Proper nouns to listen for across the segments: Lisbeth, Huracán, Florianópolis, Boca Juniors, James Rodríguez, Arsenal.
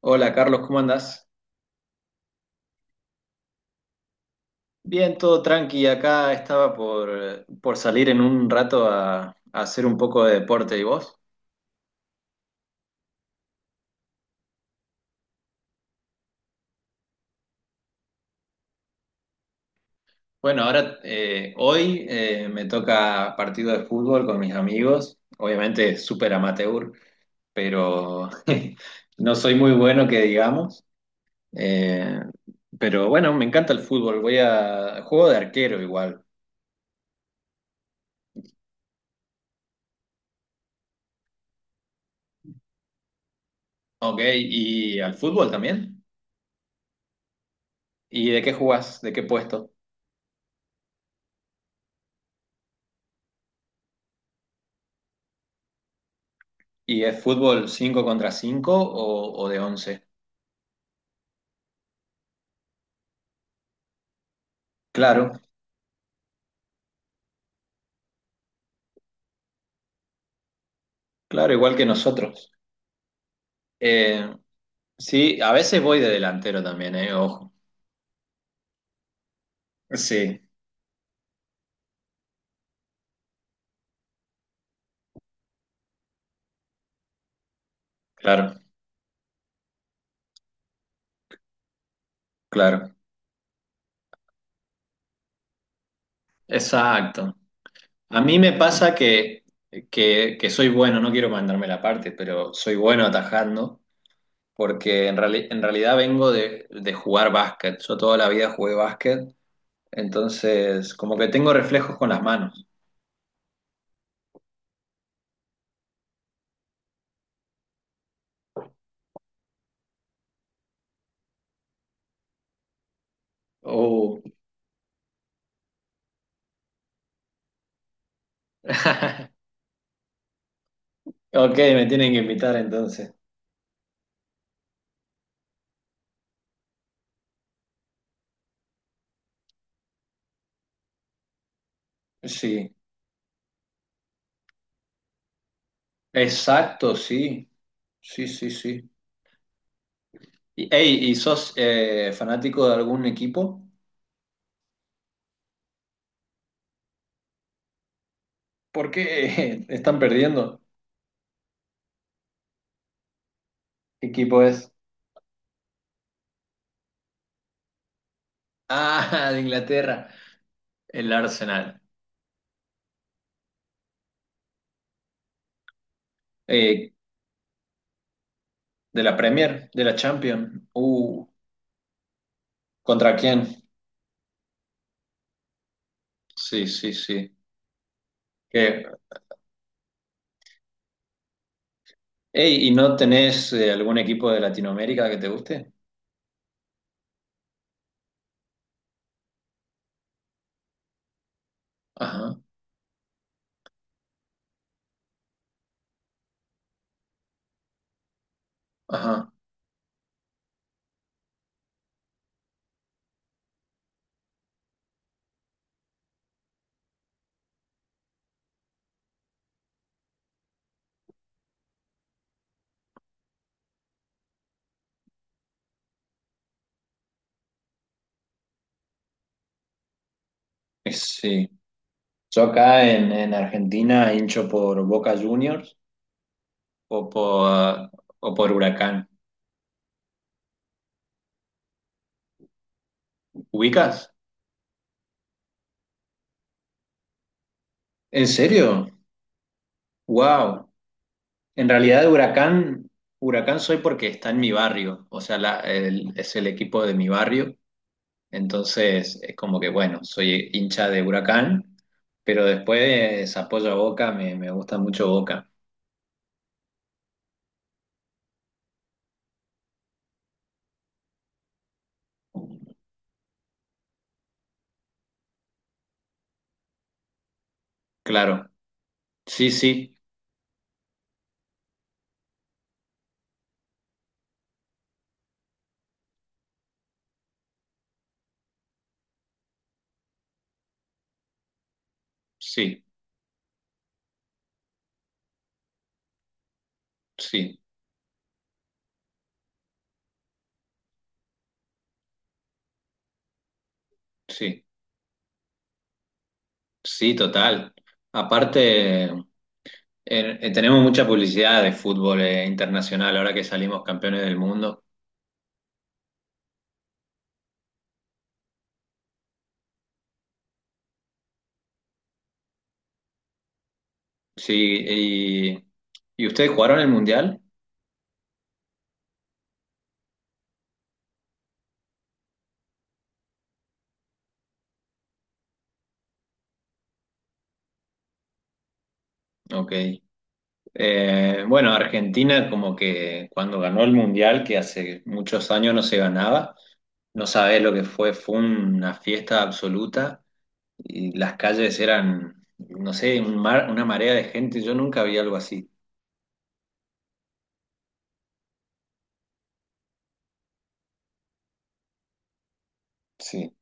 Hola Carlos, ¿cómo andás? Bien, todo tranqui. Acá estaba por salir en un rato a hacer un poco de deporte. ¿Y vos? Bueno, ahora hoy me toca partido de fútbol con mis amigos. Obviamente súper amateur, pero no soy muy bueno que digamos. Eh, pero bueno, me encanta el fútbol. Voy a juego de arquero igual. Ok, ¿y al fútbol también? ¿Y de qué jugás? ¿De qué puesto? ¿Y es fútbol 5 contra 5 o de once? Claro, claro, igual que nosotros. Eh, sí, a veces voy de delantero también, ojo. Sí, claro, claro. Exacto. A mí me pasa que soy bueno, no quiero mandarme la parte, pero soy bueno atajando, porque en realidad vengo de jugar básquet. Yo toda la vida jugué básquet, entonces como que tengo reflejos con las manos. Oh. Ok, me tienen que invitar entonces. Sí, exacto, sí, sí, sí, sí. Y, ey, ¿y sos fanático de algún equipo? ¿Por qué están perdiendo? ¿Qué equipo es? Ah, de Inglaterra, el Arsenal. Eh, de la Premier, de la Champions. ¿Contra quién? Sí, sí, sí. Que- Ey, ¿y no tenés algún equipo de Latinoamérica que te guste? Ajá, ajá. Sí. Yo acá en Argentina hincho por Boca Juniors. o por, o por Huracán. ¿Ubicas? ¿En serio? ¡Wow! En realidad, Huracán soy porque está en mi barrio, o sea, es el equipo de mi barrio, entonces es como que, bueno, soy hincha de Huracán, pero después apoyo a Boca, me gusta mucho Boca, claro. Sí, sí, sí, sí, sí, sí, total. Aparte... Tenemos mucha publicidad de fútbol internacional ahora que salimos campeones del mundo. Sí, ¿y ustedes jugaron el mundial? Ok. Bueno, Argentina como que cuando ganó el mundial, que hace muchos años no se ganaba, no sabés lo que fue, fue una fiesta absoluta y las calles eran, no sé, una marea de gente, yo nunca vi algo así. Sí.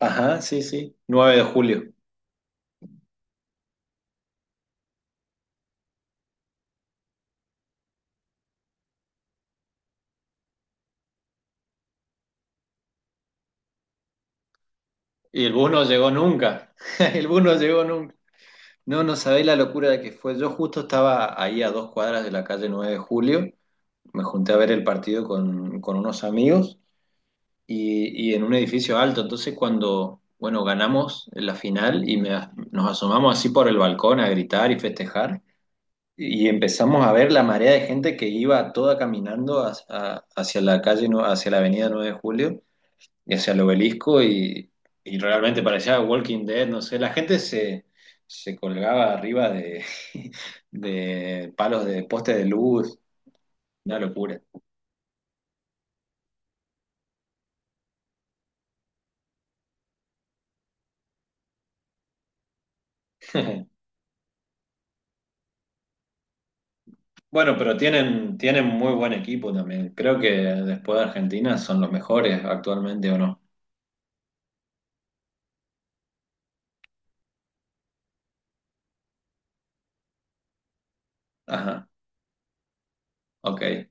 Ajá, sí, sí, 9 de julio. Y el bus no llegó nunca, el bus no llegó nunca. No, no sabéis la locura de que fue. Yo justo estaba ahí a dos cuadras de la calle 9 de Julio. Me junté a ver el partido con unos amigos y en un edificio alto. Entonces cuando, bueno, ganamos la final y nos asomamos así por el balcón a gritar y festejar y empezamos a ver la marea de gente que iba toda caminando hacia la hacia la avenida 9 de Julio y hacia el obelisco y realmente parecía Walking Dead, no sé, se colgaba arriba de, de palos de postes de luz, una locura. Bueno, pero tienen, tienen muy buen equipo también. Creo que después de Argentina son los mejores actualmente o no. Ajá, ok.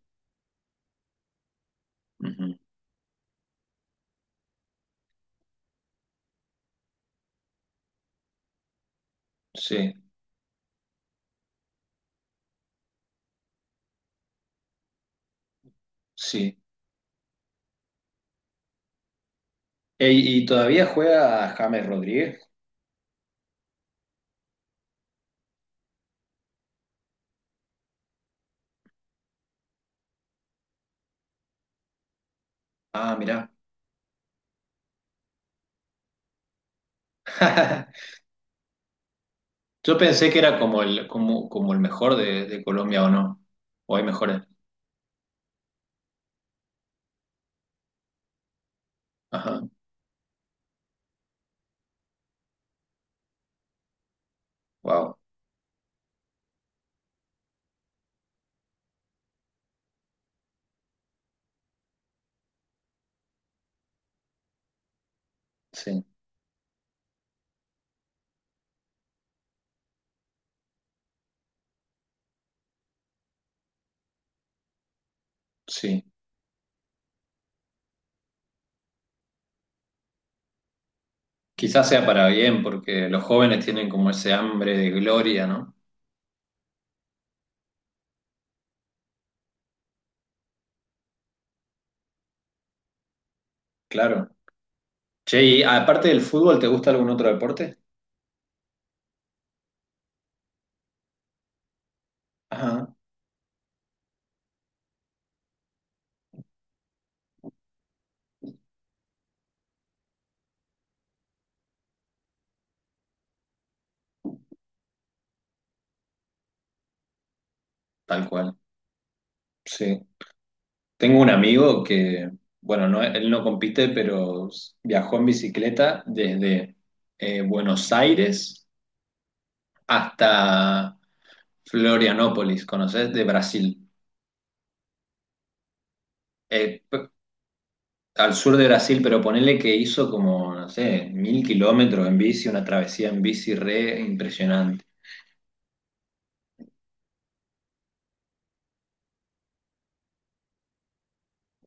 Ujú. Sí, sí. Ey, ¿y todavía juega James Rodríguez? Ah, mirá. Yo pensé que era como como el mejor de Colombia o no. O hay mejores. Ajá, wow, sí, sí. Quizás sea para bien, porque los jóvenes tienen como ese hambre de gloria, ¿no? Claro. Che, y aparte del fútbol, ¿te gusta algún otro deporte? Ajá, tal cual, sí. Tengo un amigo que, bueno, no, él no compite, pero viajó en bicicleta desde Buenos Aires hasta Florianópolis, ¿conoces? De Brasil. Eh, al sur de Brasil, pero ponele que hizo como, no sé, 1000 kilómetros en bici, una travesía en bici re impresionante.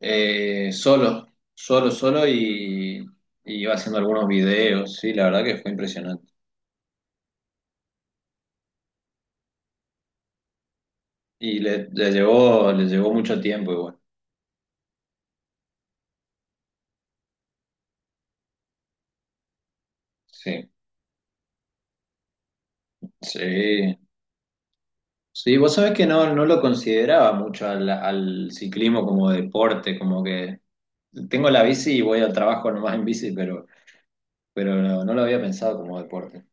Eh, solo, Solo y iba haciendo algunos videos, sí, la verdad que fue impresionante. Y le llevó mucho tiempo igual, sí. Sí, sí, vos sabés que no, no lo consideraba mucho al ciclismo como deporte, como que tengo la bici y voy al trabajo nomás en bici, pero no, no lo había pensado como deporte.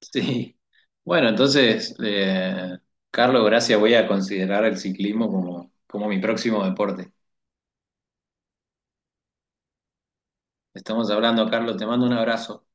Sí. Bueno, entonces, Carlos, gracias. Voy a considerar el ciclismo como mi próximo deporte. Estamos hablando, Carlos. Te mando un abrazo.